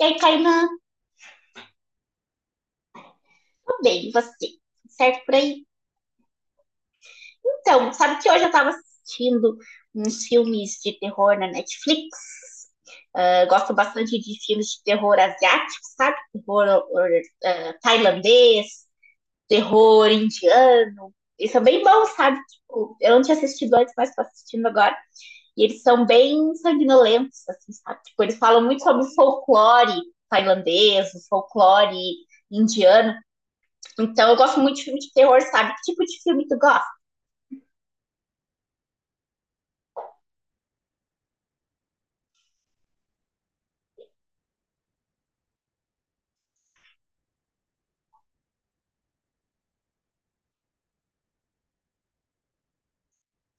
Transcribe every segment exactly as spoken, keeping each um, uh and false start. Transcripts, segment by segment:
E aí, Kainan, tudo bem, você? Certo por aí? Então, sabe que hoje eu tava assistindo uns filmes de terror na Netflix? Ah, gosto bastante de filmes de terror asiático, sabe? Terror or- ah, tailandês, terror indiano. Eles são bem bons, sabe? Tipo, eu não tinha assistido antes, mas tô assistindo agora. E eles são bem sanguinolentos, assim, sabe? Tipo, eles falam muito sobre o folclore tailandês, o folclore indiano. Então eu gosto muito de filme de terror, sabe? Que tipo de filme tu gosta?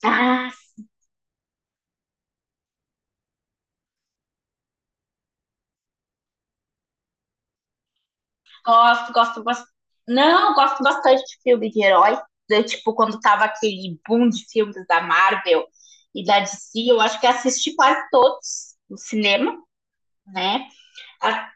Ah, gosto, gosto, gosto. Não, eu gosto bastante de filme de herói. Eu, tipo, quando tava aquele boom de filmes da Marvel e da D C, eu acho que assisti quase todos no cinema, né? Ah,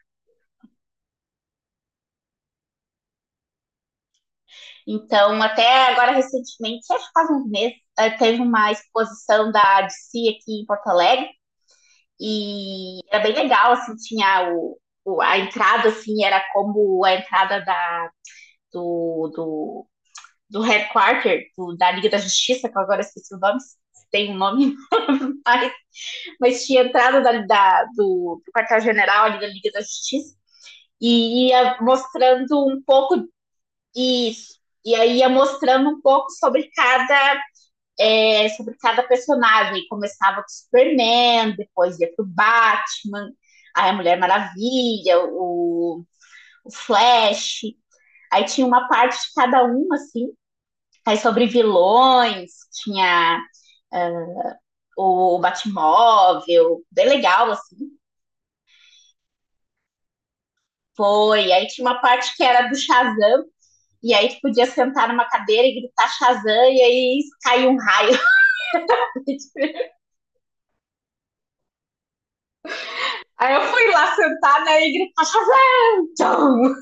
então, até agora recentemente, acho que faz uns meses, eh, teve uma exposição da D C aqui em Porto Alegre e era bem legal, assim, tinha o, o a entrada, assim, era como a entrada da, do, do do headquarter do, da Liga da Justiça, que eu agora esqueci o nome, tem um nome, mas, mas tinha entrado da, da do, do quartel-general ali da Liga da Justiça e ia mostrando um pouco disso. E aí ia mostrando um pouco sobre cada, é, sobre cada personagem. Começava com o Superman, depois ia pro Batman, aí a Mulher Maravilha, o, o Flash. Aí tinha uma parte de cada um, assim. Aí sobre vilões, tinha, é, o Batmóvel, bem legal, assim. Foi. Aí tinha uma parte que era do Shazam, e aí tu podia sentar numa cadeira e gritar Shazam, e aí caiu um raio. Aí eu fui lá sentar, né, e gritar Shazam!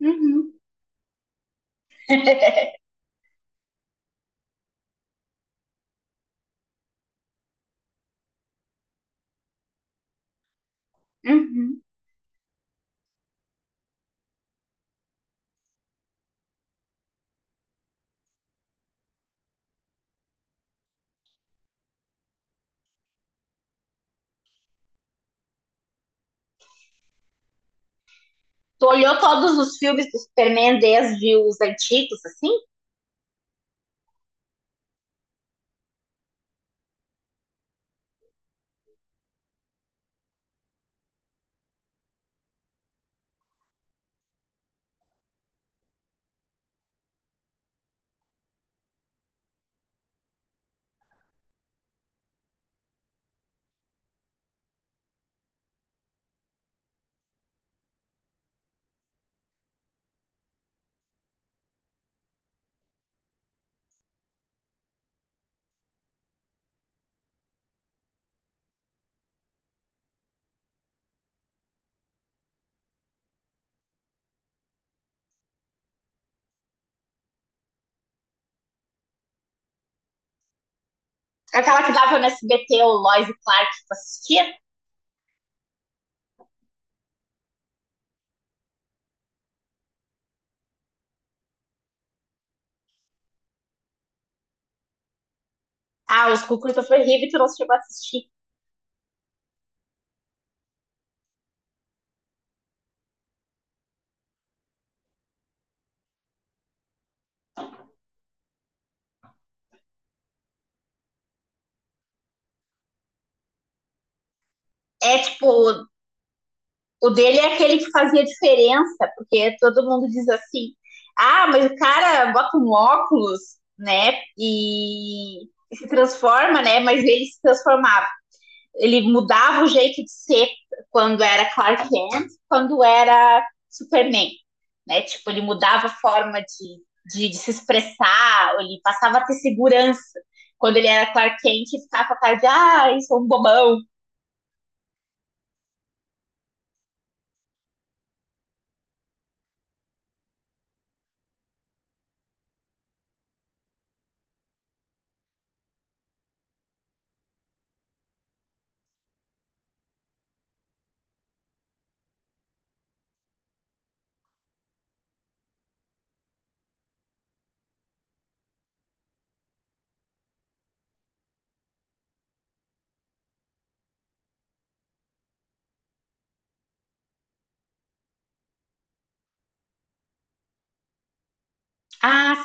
Uhum. Uhum. Tu olhou todos os filmes do Superman desde os antigos, assim? Aquela que dava no S B T, o Lois e Clark, que tu assistia? Ah, os Cucurutas foi horrível e tu não chegou a assistir. É, tipo, o dele é aquele que fazia diferença, porque todo mundo diz assim: ah, mas o cara bota um óculos, né? E, e se transforma, né? Mas ele se transformava. Ele mudava o jeito de ser quando era Clark Kent, quando era Superman, né? Tipo, ele mudava a forma de, de, de se expressar, ele passava a ter segurança. Quando ele era Clark Kent, ficava com a cara de, ah, eu sou um bobão. Ah,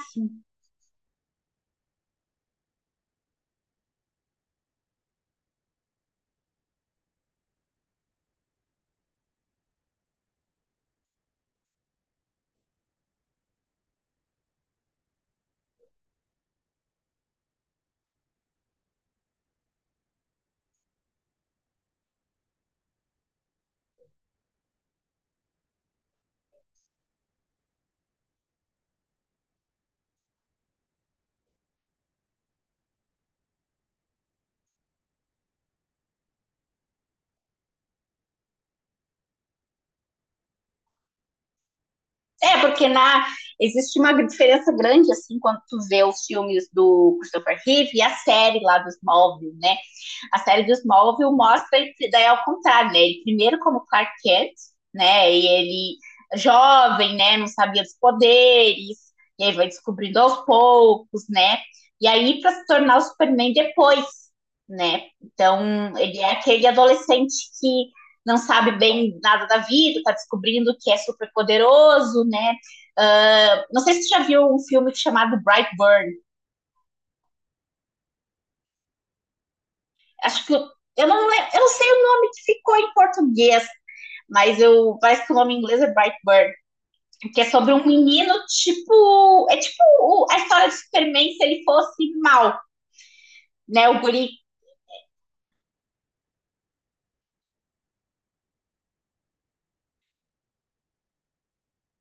é, porque na, existe uma diferença grande, assim, quando tu vê os filmes do Christopher Reeve e a série lá dos móveis, né? A série do Smallville mostra que daí é ao contrário, né? Ele primeiro como Clark Kent, né? E ele jovem, né? Não sabia dos poderes, e aí vai descobrindo aos poucos, né? E aí para se tornar o Superman depois, né? Então ele é aquele adolescente que não sabe bem nada da vida, tá descobrindo que é super poderoso, né? Uh, não sei se você já viu um filme chamado Brightburn. Acho que eu, eu não, eu não sei o nome que ficou em português, mas eu parece que o nome em inglês é Brightburn, que é sobre um menino tipo, é tipo a história de Superman se ele fosse mal, né, o guri.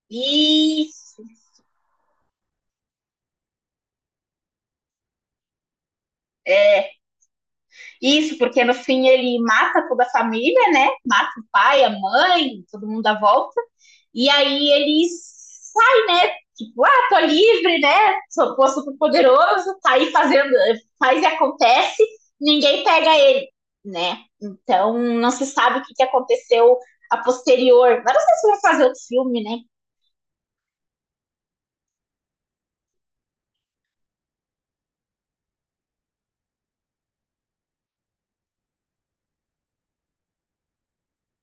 Isso. Isso. É, isso, porque no fim ele mata toda a família, né? Mata o pai, a mãe, todo mundo à volta. E aí ele sai, né? Tipo, ah, tô livre, né? Sou, tô super poderoso, tá aí fazendo, faz e acontece, ninguém pega ele, né? Então não se sabe o que, que aconteceu a posterior. Mas não sei se vai fazer outro filme, né?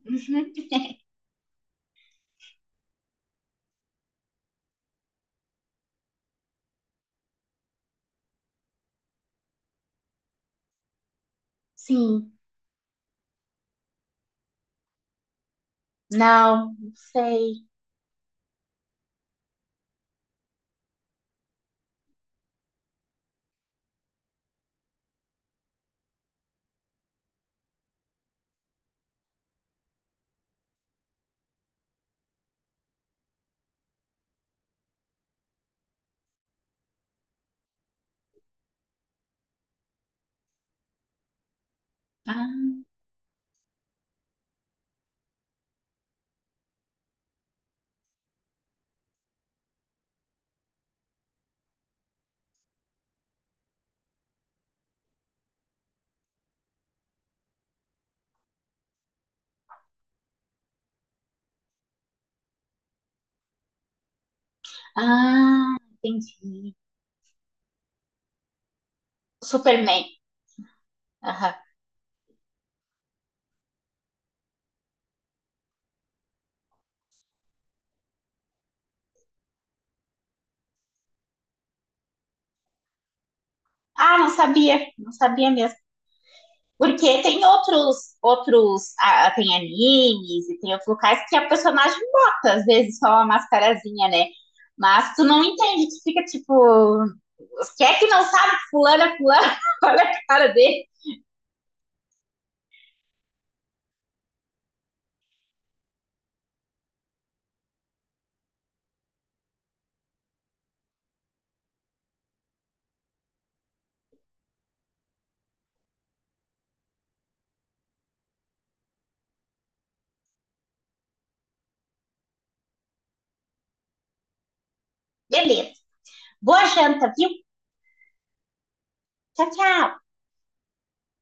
Uhum. Sim, não, não sei. Ah, ah, entendi. Superman. Aham. Ah, não sabia, não sabia mesmo. Porque tem outros, outros, ah, tem animes e tem outros locais que a personagem bota, às vezes, só uma mascarazinha, né? Mas tu não entende, tu fica tipo, quem é que não sabe que fulano é fulano? Olha a cara dele. Beleza. Boa janta, viu? Tchau, tchau.